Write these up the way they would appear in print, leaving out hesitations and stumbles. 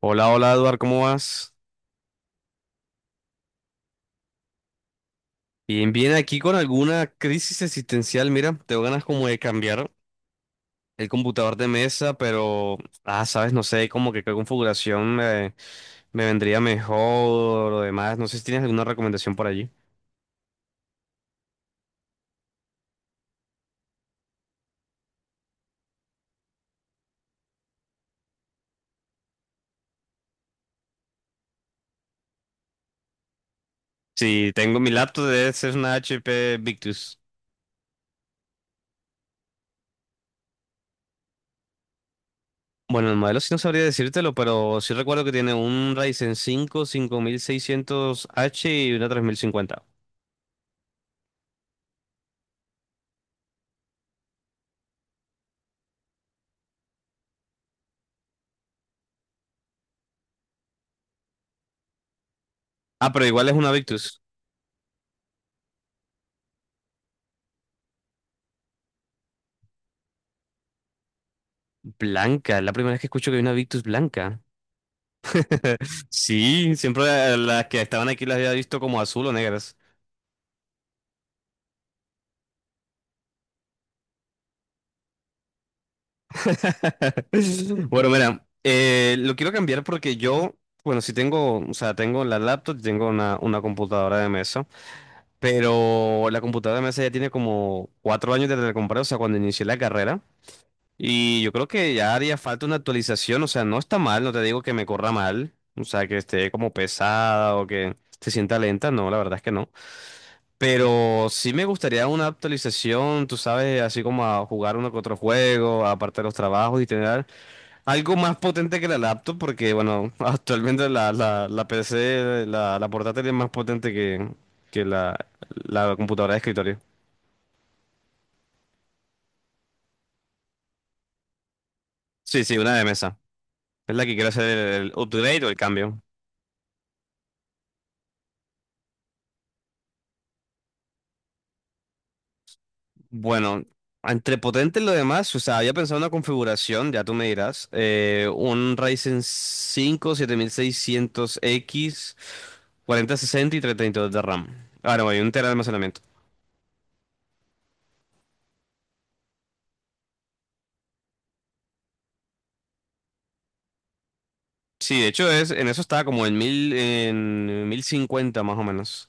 Hola, hola Eduard, ¿cómo vas? Bien, bien, aquí con alguna crisis existencial, mira, tengo ganas como de cambiar el computador de mesa, pero, sabes, no sé, como que qué configuración me vendría mejor o demás, no sé si tienes alguna recomendación por allí. Sí, tengo mi laptop, debe ser una HP Victus. Bueno, el modelo sí no sabría decírtelo, pero sí recuerdo que tiene un Ryzen cinco cinco mil seiscientos h y una tres mil cincuenta. Ah, pero igual es una Victus. Blanca, es la primera vez que escucho que hay una Victus blanca. Sí, siempre las que estaban aquí las había visto como azul o negras. Bueno, mira, lo quiero cambiar porque yo, bueno, sí tengo, o sea, tengo la laptop, y tengo una computadora de mesa, pero la computadora de mesa ya tiene como cuatro años desde que la compré, o sea, cuando inicié la carrera, y yo creo que ya haría falta una actualización, o sea, no está mal, no te digo que me corra mal, o sea, que esté como pesada o que se sienta lenta, no, la verdad es que no. Pero sí me gustaría una actualización, tú sabes, así como a jugar uno que otro juego, aparte de los trabajos y tener algo más potente que la laptop, porque bueno, actualmente la PC, la portátil es más potente que la computadora de escritorio. Sí, sí, una de mesa. Es la que quiero hacer el upgrade o el cambio. Bueno, entre potente y lo demás, o sea, había pensado una configuración, ya tú me dirás, un Ryzen 5 7600X, sesenta y 32 de RAM. Ahora, voy, un tera de almacenamiento. Sí, de hecho es, en eso estaba como en 1050 más o menos.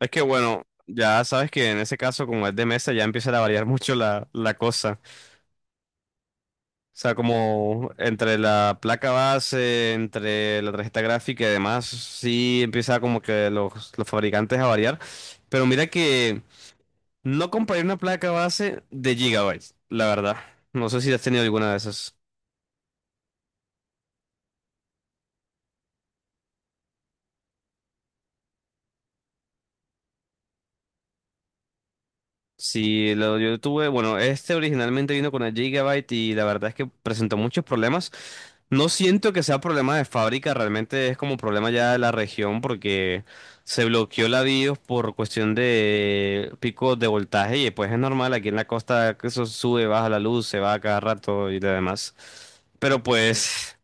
Es que bueno, ya sabes que en ese caso, como es de mesa, ya empieza a variar mucho la cosa. O sea, como entre la placa base, entre la tarjeta gráfica y demás, sí empieza como que los fabricantes a variar. Pero mira que no compré una placa base de gigabytes, la verdad. No sé si has tenido alguna de esas. Sí, lo, yo tuve, bueno, este originalmente vino con el Gigabyte y la verdad es que presentó muchos problemas. No siento que sea problema de fábrica, realmente es como problema ya de la región porque se bloqueó la BIOS por cuestión de picos de voltaje y pues es normal aquí en la costa que eso sube, baja la luz, se va a cada rato y lo demás. Pero sí. Pues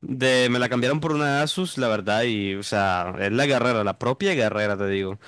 de, me la cambiaron por una Asus, la verdad, y o sea, es la guerrera, la propia guerrera, te digo.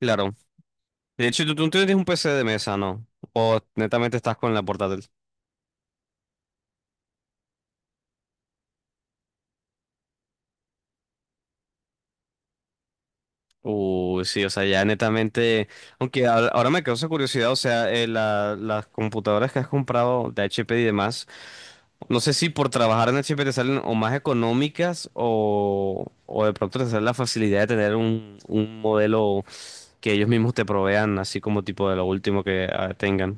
Claro, de hecho, tú tienes un PC de mesa, ¿no? O netamente estás con la portátil. Uy, sí, o sea, ya netamente. Aunque ahora me causa curiosidad, o sea, la- las computadoras que has comprado de HP y demás, no sé si por trabajar en HP te salen o más económicas o de pronto te sale la facilidad de tener un modelo que ellos mismos te provean, así como tipo de lo último que tengan.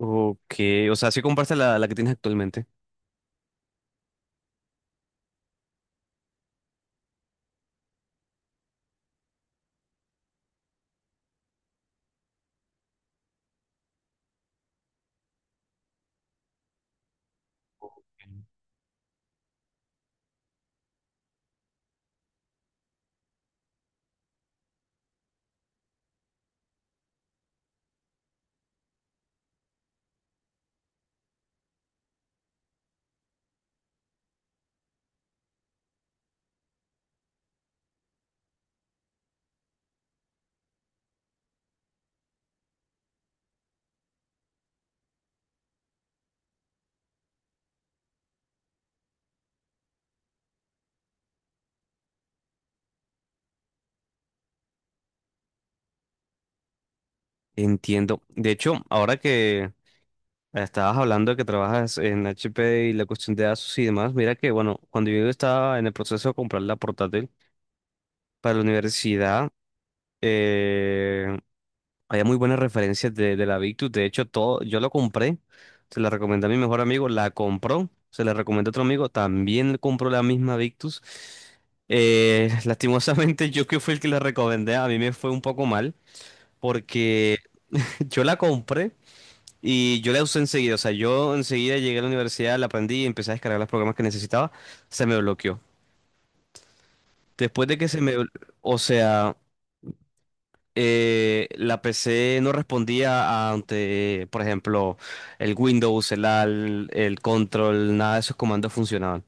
Ok, o sea, si compraste la que tienes actualmente. Entiendo. De hecho, ahora que estabas hablando de que trabajas en HP y la cuestión de ASUS y demás. Mira que, bueno, cuando yo estaba en el proceso de comprar la portátil para la universidad, eh, había muy buenas referencias de la Victus. De hecho, todo, yo lo compré, se la recomendé a mi mejor amigo, la compró, se la recomendé a otro amigo, también compró la misma Victus. Lastimosamente, yo que fui el que la recomendé, a mí me fue un poco mal porque yo la compré. Y yo la usé enseguida, o sea, yo enseguida llegué a la universidad, la aprendí y empecé a descargar los programas que necesitaba, se me bloqueó. Después de que se o sea, la PC no respondía ante, por ejemplo, el Windows, el AL, el control, nada de esos comandos funcionaban.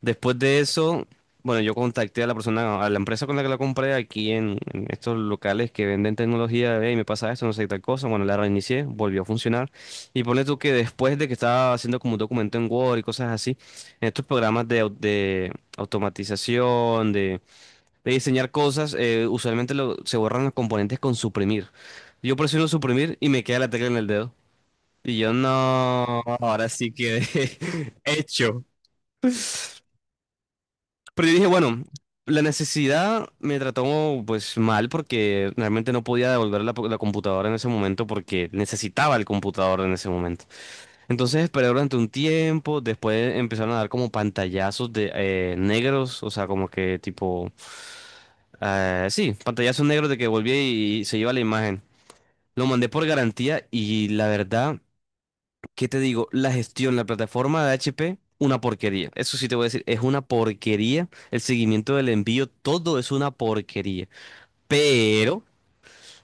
Después de eso, bueno, yo contacté a la persona, a la empresa con la que la compré aquí en estos locales que venden tecnología, y me pasa esto, no sé qué tal cosa. Bueno, la reinicié, volvió a funcionar. Y ponle tú que después de que estaba haciendo como un documento en Word y cosas así, en estos programas de automatización, de diseñar cosas, usualmente lo- se borran los componentes con suprimir. Yo presiono suprimir y me queda la tecla en el dedo. Y yo no, ahora sí quedé hecho. Pero yo dije, bueno, la necesidad me trató pues mal porque realmente no podía devolver la computadora en ese momento porque necesitaba el computador en ese momento. Entonces esperé durante un tiempo, después empezaron a dar como pantallazos de negros, o sea, como que tipo, sí, pantallazos negros de que volvía y se iba la imagen. Lo mandé por garantía y la verdad... ¿Qué te digo? La gestión, la plataforma de HP, una porquería. Eso sí te voy a decir, es una porquería. El seguimiento del envío, todo es una porquería. Pero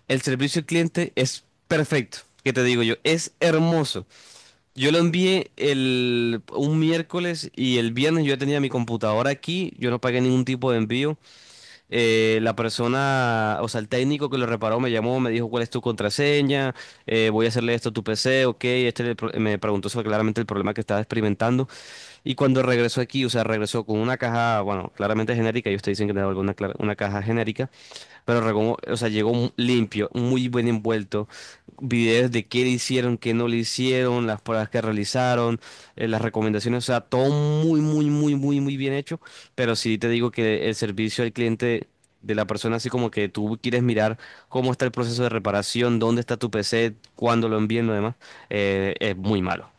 el servicio al cliente es perfecto. ¿Qué te digo yo? Es hermoso. Yo lo envié un miércoles y el viernes yo ya tenía mi computadora aquí. Yo no pagué ningún tipo de envío. La persona, o sea, el técnico que lo reparó me llamó, me dijo cuál es tu contraseña, voy a hacerle esto a tu PC, ok, este le pro- me preguntó sobre claramente el problema que estaba experimentando y cuando regresó aquí, o sea, regresó con una caja, bueno, claramente genérica, ellos te dicen que era alguna, clara- una caja genérica, pero Ragón, o sea, llegó mu- limpio, muy bien envuelto. Videos de qué le hicieron, qué no le hicieron, las pruebas que realizaron, las recomendaciones, o sea, todo muy, muy, muy, muy, muy bien hecho. Pero sí te digo que el servicio al cliente de la persona, así como que tú quieres mirar cómo está el proceso de reparación, dónde está tu PC, cuándo lo envíen, lo demás, es muy malo.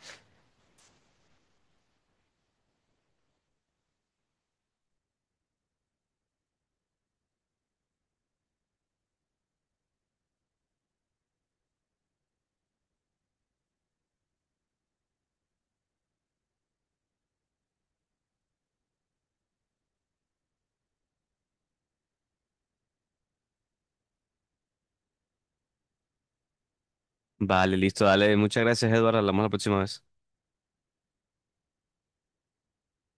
Vale, listo, dale. Muchas gracias, Eduardo. Hablamos la próxima vez.